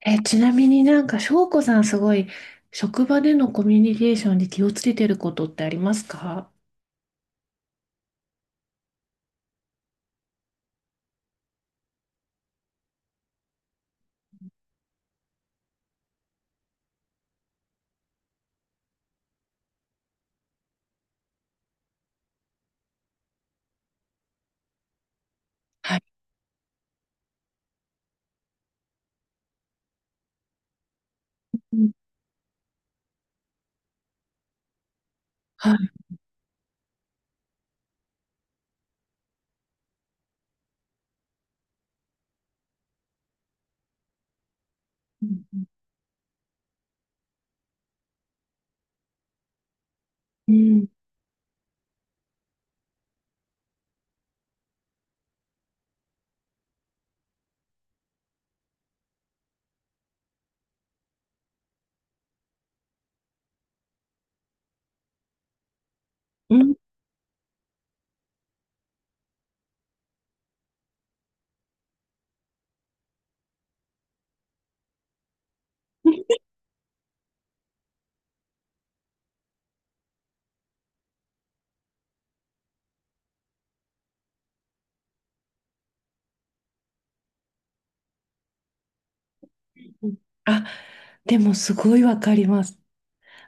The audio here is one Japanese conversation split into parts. ちなみになんか、翔子さんすごい、職場でのコミュニケーションで気をつけてることってありますか？はい。うん。はい。うん。うん。うん。あ、でもすごいわかります。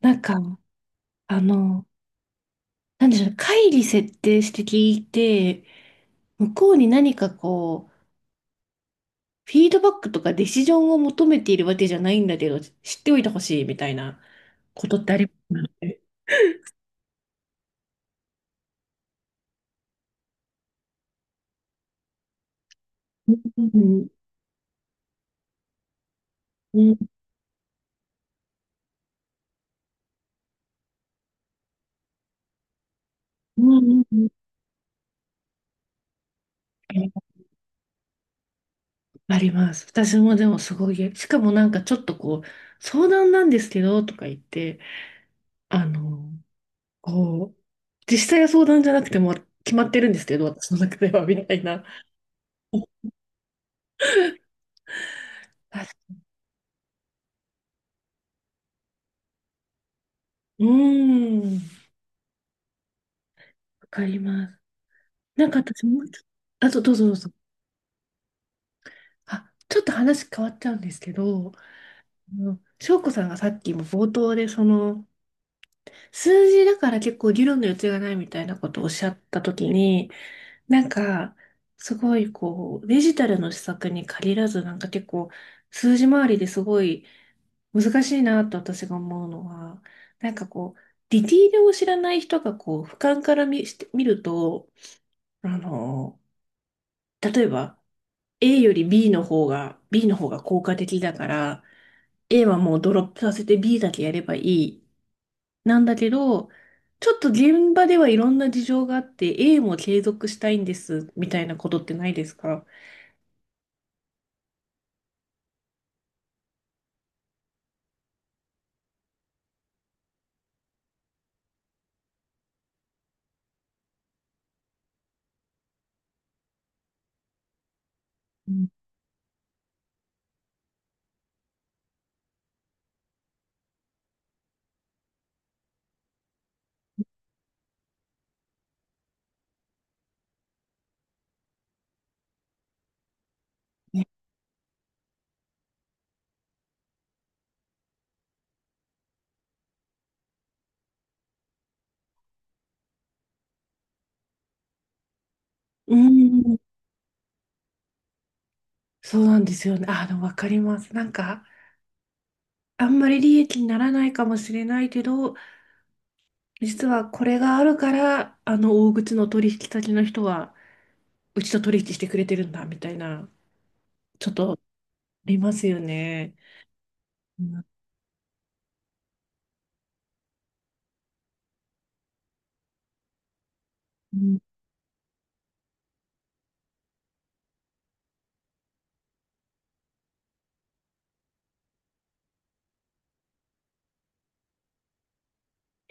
なんか、あの、なんでしょう、会議設定して聞いて、向こうに何かこう、フィードバックとかディシジョンを求めているわけじゃないんだけど、知っておいてほしいみたいなことってありますよね。うん、うん。うん、うん。うん、うん。あります。私もでもすごい、しかもなんかちょっとこう、相談なんですけど、とか言って、あの、こう、実際は相談じゃなくても決まってるんですけど、私の中では、みたいな。あ、うーん、わかります。なんか私もうちょっと、あとどうぞどうぞ。あ、ちょっと話変わっちゃうんですけど、翔子さんがさっきも冒頭で、その、数字だから結構議論の余地がないみたいなことをおっしゃったときに、なんか、すごいこう、デジタルの施策に限らず、なんか結構、数字回りですごい難しいなと私が思うのは、なんかこう、ディティールを知らない人がこう、俯瞰から見して、見ると、あの、例えば、A より B の方が、効果的だから、A はもうドロップさせて B だけやればいい。なんだけど、ちょっと現場ではいろんな事情があって、A も継続したいんです、みたいなことってないですかね、うーん、そうなんですよね。あ、でもわかります。なんか、あんまり利益にならないかもしれないけど、実はこれがあるから、あの大口の取引先の人は、うちと取引してくれてるんだ、みたいな、ちょっとありますよね。うん、うん。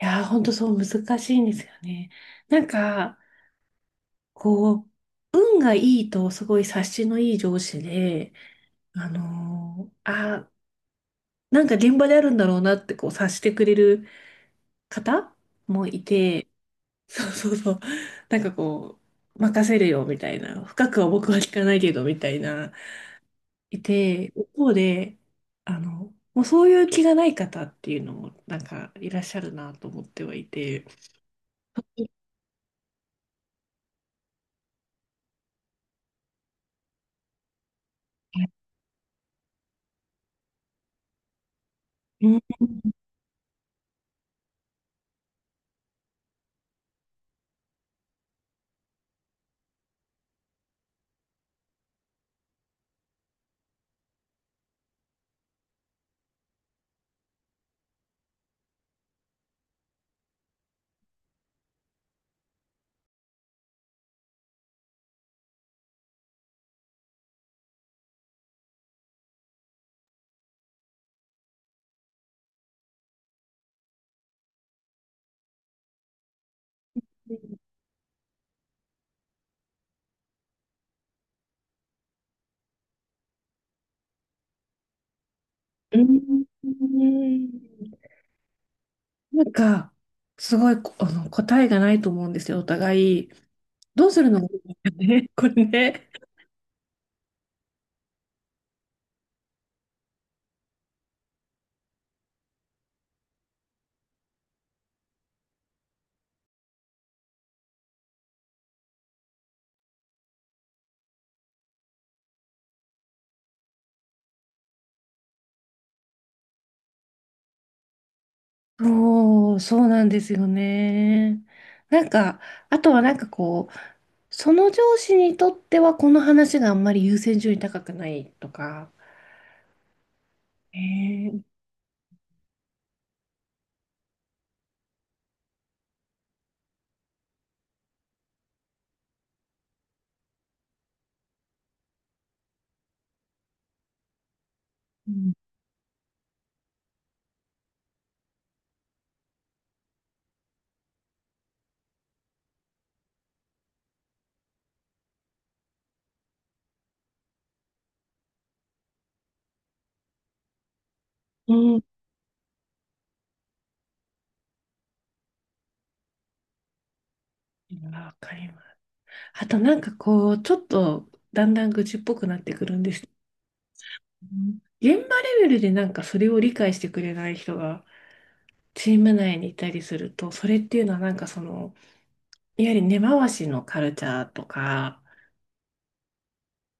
いやー、ほんとそう難しいんですよね。なんか、こう、運がいいと、すごい察しのいい上司で、あのーあ、なんか現場であるんだろうなって、こう、察してくれる方もいて、そうそうそう、なんかこう、任せるよみたいな、深くは僕は聞かないけどみたいな、いて、一方で、もうそういう気がない方っていうのも、なんかいらっしゃるなと思ってはいて、うん、うん、なんか、すごい、答えがないと思うんですよ、お互い。どうするのがいいのかね、これね。そう、そうなんですよね。なんか、あとはなんかこう、その上司にとってはこの話があんまり優先順位高くないとか、えー、うん、うん。わかります。あとなんかこう、ちょっとだんだん愚痴っぽくなってくるんですけど、現場レベルでなんかそれを理解してくれない人がチーム内にいたりすると、それっていうのはなんかその、いわゆる根回しのカルチャーとか、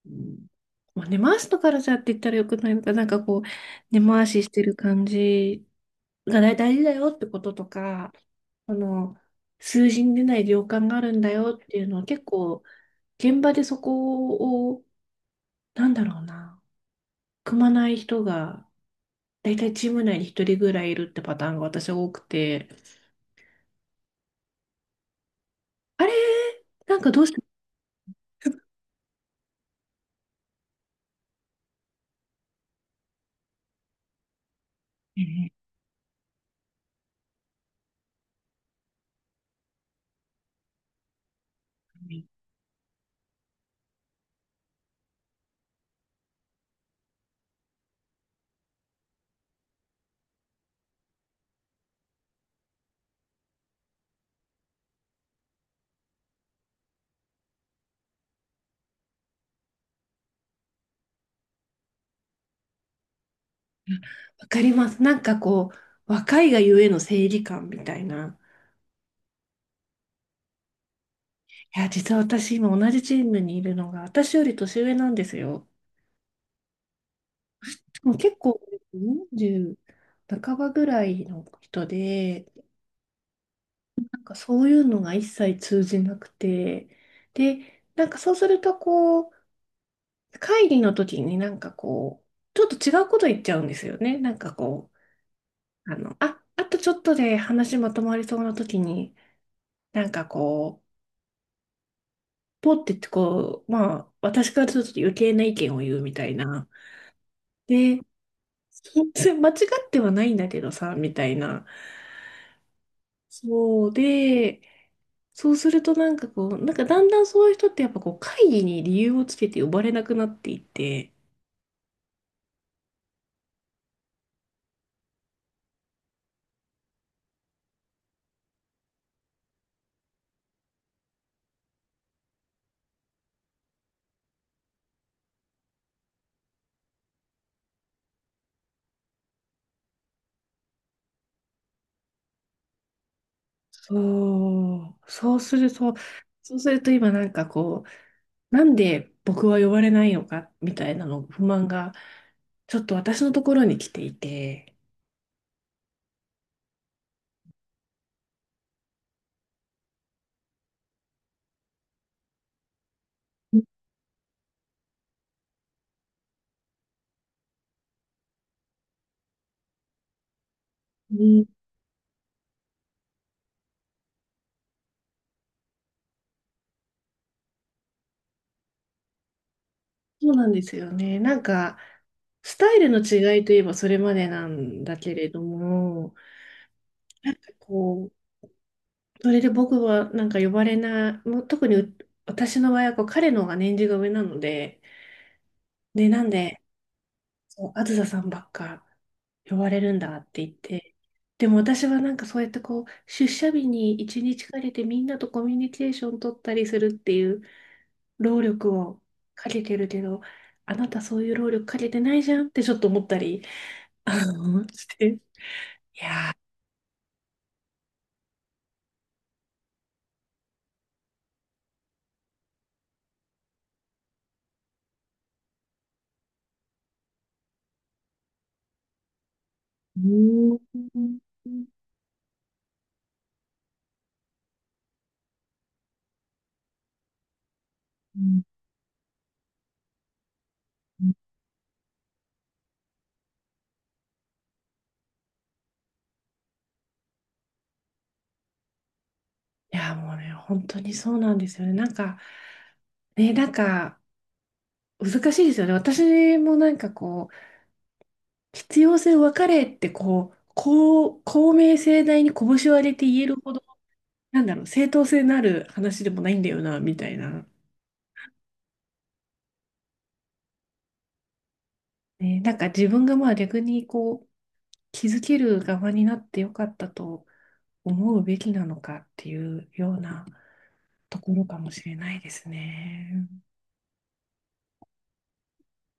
うん、まあ、根回しの辛さって言ったらよくないのか、なんかこう、根回ししてる感じが大大事だよってこととか、あの、数字に出ない量感があるんだよっていうのは結構、現場でそこを、なんだろうな、組まない人が、大体チーム内に一人ぐらいいるってパターンが私は多くて、あれ、なんかどうして、わかります。なんかこう、若いがゆえの正義感みたいな。いや、実は私今同じチームにいるのが、私より年上なんですよ。でも結構40半ばぐらいの人で、なんかそういうのが一切通じなくて、で、なんかそうするとこう、会議の時になんかこう、ちょっと違うこと言っちゃうんですよね。なんかこう、あとちょっとで話まとまりそうな時に、なんかこう、ポッてってこう、まあ、私からすると余計な意見を言うみたいな。で、そうそれ間違ってはないんだけどさ、みたいな。そうで、そうするとなんかこう、なんかだんだんそういう人ってやっぱこう会議に理由をつけて呼ばれなくなっていって、そう、そうすると、そうすると今なんかこう、なんで僕は呼ばれないのか、みたいなの不満が、ちょっと私のところに来ていて、うん、そうなんですよね。なんか、スタイルの違いといえばそれまでなんだけれども、なんかこう、それで僕はなんか呼ばれない、もう特にう私の場合はこう彼の方が年次が上なので、で、なんで、そう、あずささんばっか呼ばれるんだって言って、でも私はなんかそうやってこう、出社日に一日かけてみんなとコミュニケーション取ったりするっていう労力をかけてるけど、あなたそういう労力かけてないじゃんってちょっと思ったり、して。うん、うん。いや、もうね、本当にそうなんですよね。なんか、ね、なんか、難しいですよね。私もなんかこう、必要性を分かれってこう、公明正大に拳を上げて言えるほど、なんだろう、正当性のある話でもないんだよな、みたいな。ね、なんか自分がまあ逆にこう、気づける側になってよかったと思うべきなのかっていうようなところかもしれないですね。